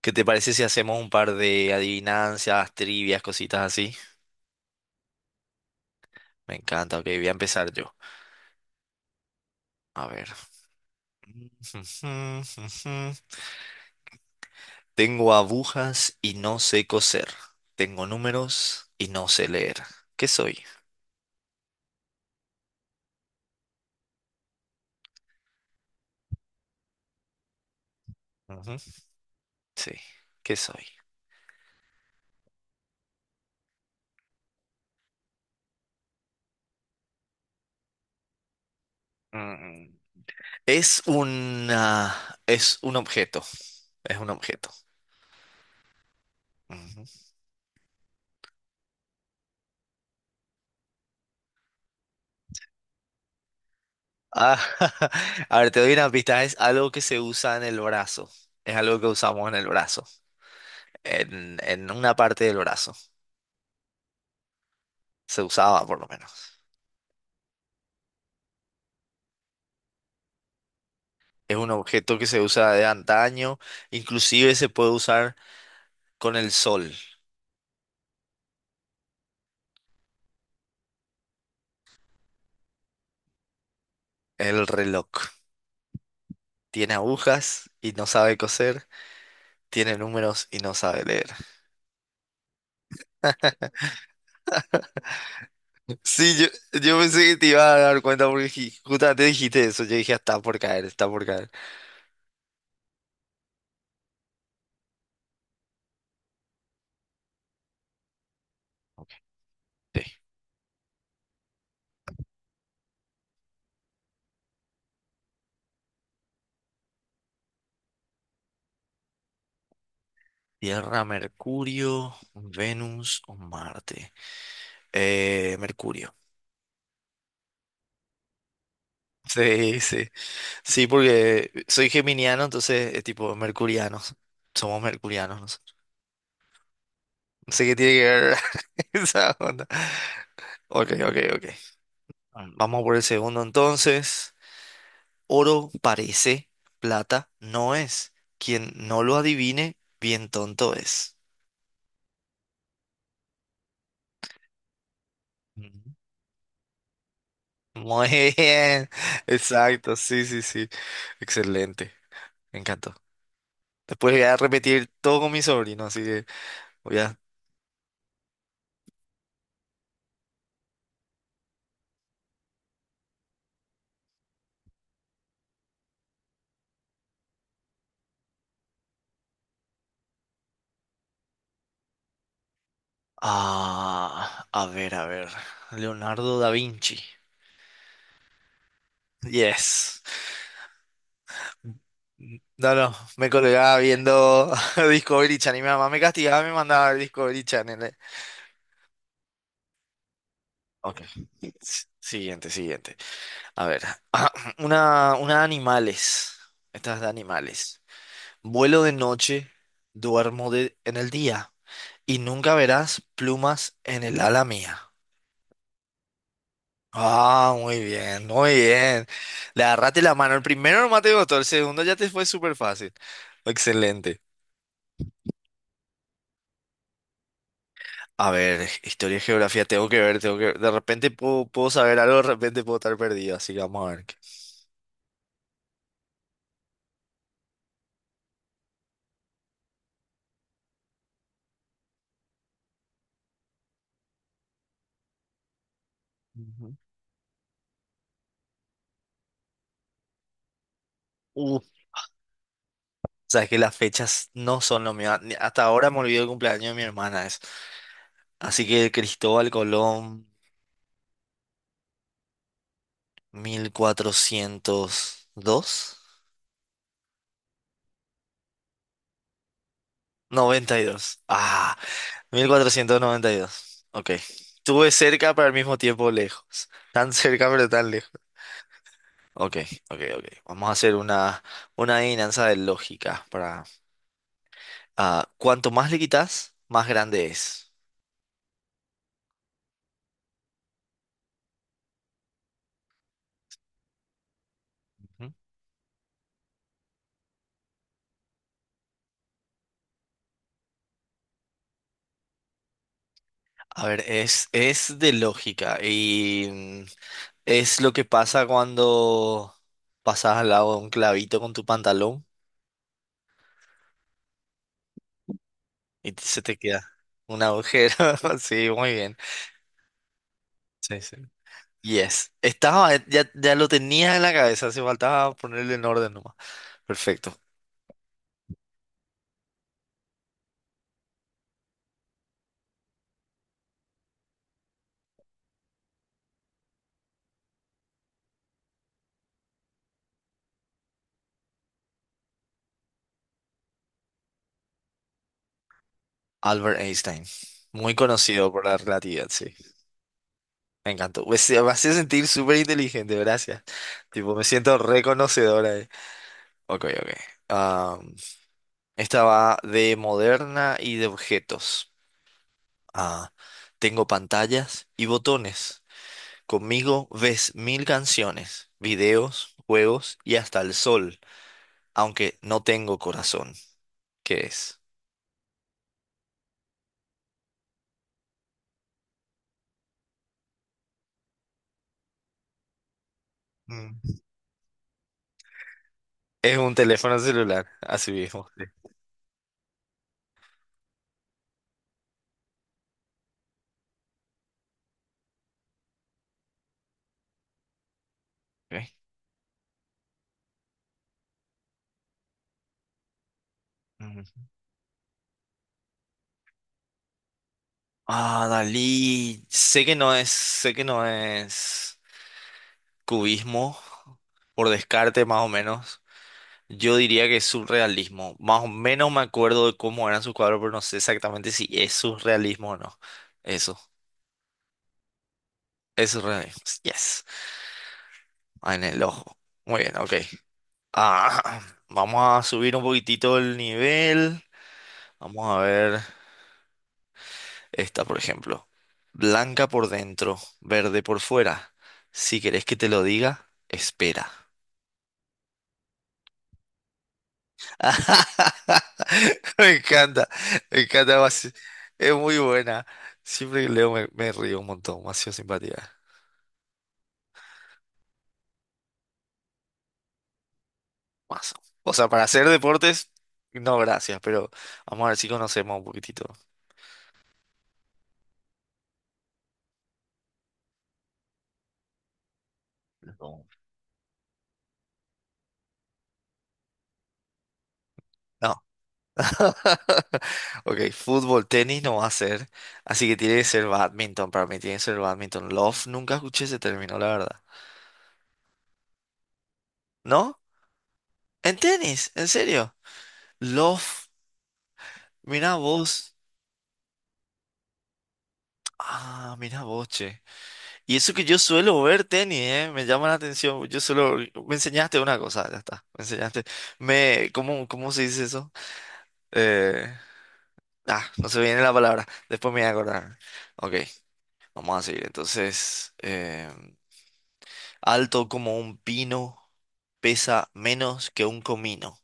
¿Qué te parece si hacemos un par de adivinanzas, trivias, cositas así? Me encanta, ok, voy a empezar yo. A ver. Tengo agujas y no sé coser. Tengo números y no sé leer. ¿Qué soy? Ujú. Sí, ¿qué soy? Mm. Es una, es un objeto, es un objeto. Ujú. Ah, a ver, te doy una pista, es algo que se usa en el brazo. Es algo que usamos en el brazo. En una parte del brazo. Se usaba por lo menos. Es un objeto que se usa de antaño, inclusive se puede usar con el sol, el reloj. Tiene agujas y no sabe coser, tiene números y no sabe leer. Sí, yo pensé que te iba a dar cuenta porque justamente dijiste eso. Yo dije, "Ah, está por caer, está por caer. Ok, sí. Tierra, Mercurio, Venus o Marte. Mercurio. Sí, sí. Sí, porque soy geminiano, entonces es tipo mercurianos. Somos mercurianos nosotros. No sé qué tiene que ver esa onda. Ok, ok, ok. Vamos por el segundo entonces. Oro parece, plata no es. Quien no lo adivine, bien tonto es. Ujú. Muy bien. Exacto, sí, sí, sí. Excelente. Me encantó. Después voy a repetir todo con mi sobrino, así que voy a... A ver, a ver. Leonardo da Vinci. Yes. No, no, me colgaba viendo Discovery Channel y mi mamá me castigaba, me mandaba a ver Discovery Channel. Ok. Siguiente, siguiente. A ver, una de animales. Esta es de animales. Vuelo de noche, duermo de, en el día y nunca verás plumas en el ala mía. Ah, muy bien, muy bien. Le agarraste la mano. El primero nomás te costó, el segundo ya te fue súper fácil. Excelente. A ver, historia y geografía, tengo que ver, tengo que ver. De repente puedo, puedo saber algo, de repente puedo estar perdido, así que vamos a ver. Ujú. Uh, sabes que las fechas no son lo mío. Hasta ahora me olvidé el cumpleaños de mi hermana. Es. Así que Cristóbal Colón, 1402, 92. Ah, 1492, ok. Tuve cerca, pero al mismo tiempo lejos. Tan cerca, pero tan lejos. Ok, ok, ok. Vamos a hacer una adivinanza de lógica para... cuanto más le quitas, más grande es. Ujú. A ver, es de lógica y es lo que pasa cuando pasas al lado de un clavito con tu pantalón y se te queda un agujero. Sí, muy bien. Sí, sí. Yes. Estaba, ya lo tenías en la cabeza, hace faltaba ponerle en orden nomás. Perfecto. Albert Einstein. Muy conocido por la relatividad, sí. Me encantó. Pues, me hace sentir súper inteligente, gracias. Tipo, me siento reconocedora. Ok, ok. Am, Esta va de moderna y de objetos. Ah, Tengo pantallas y botones. Conmigo ves 1000 canciones, videos, juegos y hasta el sol, aunque no tengo corazón. ¿Qué es? Mm. Es un teléfono celular, así mismo. Sí. Ok. Mm. Ah, Dalí, sé que no es, sé que no es cubismo, por descarte más o menos. Yo diría que es surrealismo. Más o menos me acuerdo de cómo eran sus cuadros, pero no sé exactamente si es surrealismo o no. Eso. Es re- Yes. En el ojo. Muy bien, ok. Ah, Vamos a subir un poquitito el nivel. Vamos a ver esta, por ejemplo. Blanca por dentro, verde por fuera. Si querés que te lo diga, espera. Me encanta, me encanta. Macio. Es muy buena. Siempre que leo me, me río un montón. Más simpatía. Mazo. O sea, para hacer deportes, no gracias, pero vamos a ver si conocemos un poquitito. No. No. Ok, fútbol, tenis no va a ser. Así que tiene que ser badminton. Para mí tiene que ser badminton. Love, nunca escuché ese término, la verdad. ¿No? ¿En tenis? ¿En serio? Love. Mira vos. Ah, mira vos, che. Y eso que yo suelo ver tenis, me llama la atención. Yo solo me enseñaste una cosa, ya está. Me enseñaste. Me, ¿cómo, cómo se dice eso? Eh, no se viene la palabra. Después me voy a acordar. Ok, vamos a seguir. Entonces, alto como un pino, pesa menos que un comino.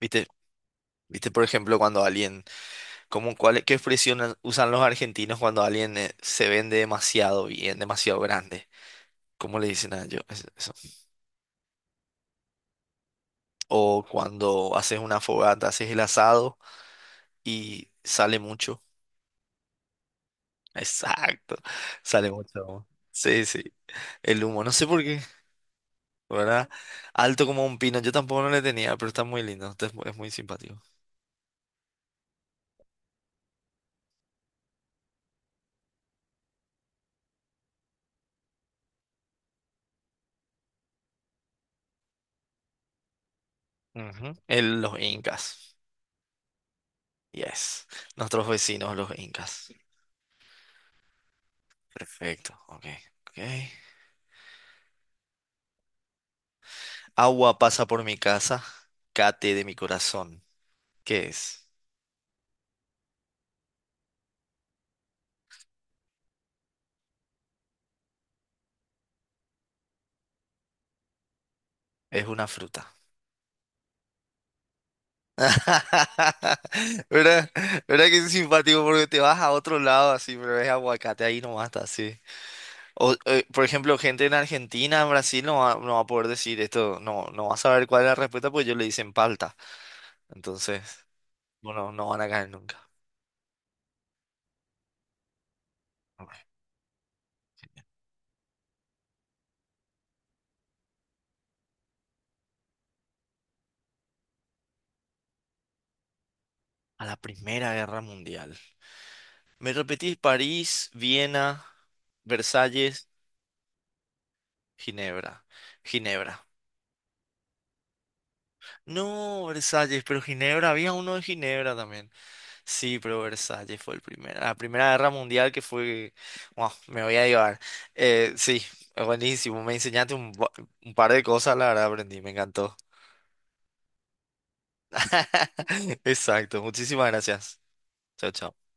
¿Viste? ¿Viste, por ejemplo, cuando alguien, como cuál, qué expresión usan los argentinos cuando alguien se vende demasiado bien, demasiado grande? ¿Cómo le dicen a ellos eso? O cuando haces una fogata, haces el asado y sale mucho. Exacto, sale mucho. Humo. Sí, sí, el humo, no sé por qué, ¿verdad? Alto como un pino, yo tampoco no le tenía, pero está muy lindo, es muy simpático. Ujú. Los incas. Yes. Nuestros vecinos, los incas. Perfecto. Ok. Ok. Agua pasa por mi casa. Cate de mi corazón. ¿Qué es? Es una fruta. ¿Verdad? ¿Verdad que es simpático? Porque te vas a otro lado así, pero es aguacate, ahí nomás está así. O, por ejemplo, gente en Argentina, en Brasil, no va, no va a poder decir esto, no, no va a saber cuál es la respuesta, porque ellos le dicen palta. Entonces, bueno, no van a caer nunca. Ok. A la Primera Guerra Mundial. Me repetís París, Viena, Versalles, Ginebra. Ginebra. No, Versalles, pero Ginebra, había uno de Ginebra también. Sí, pero Versalles fue el primero. La Primera Guerra Mundial que fue... Wow, me voy a llevar. Sí, es buenísimo. Me enseñaste un, un par de cosas, la verdad aprendí, me encantó. Exacto, muchísimas gracias. Chao, chao.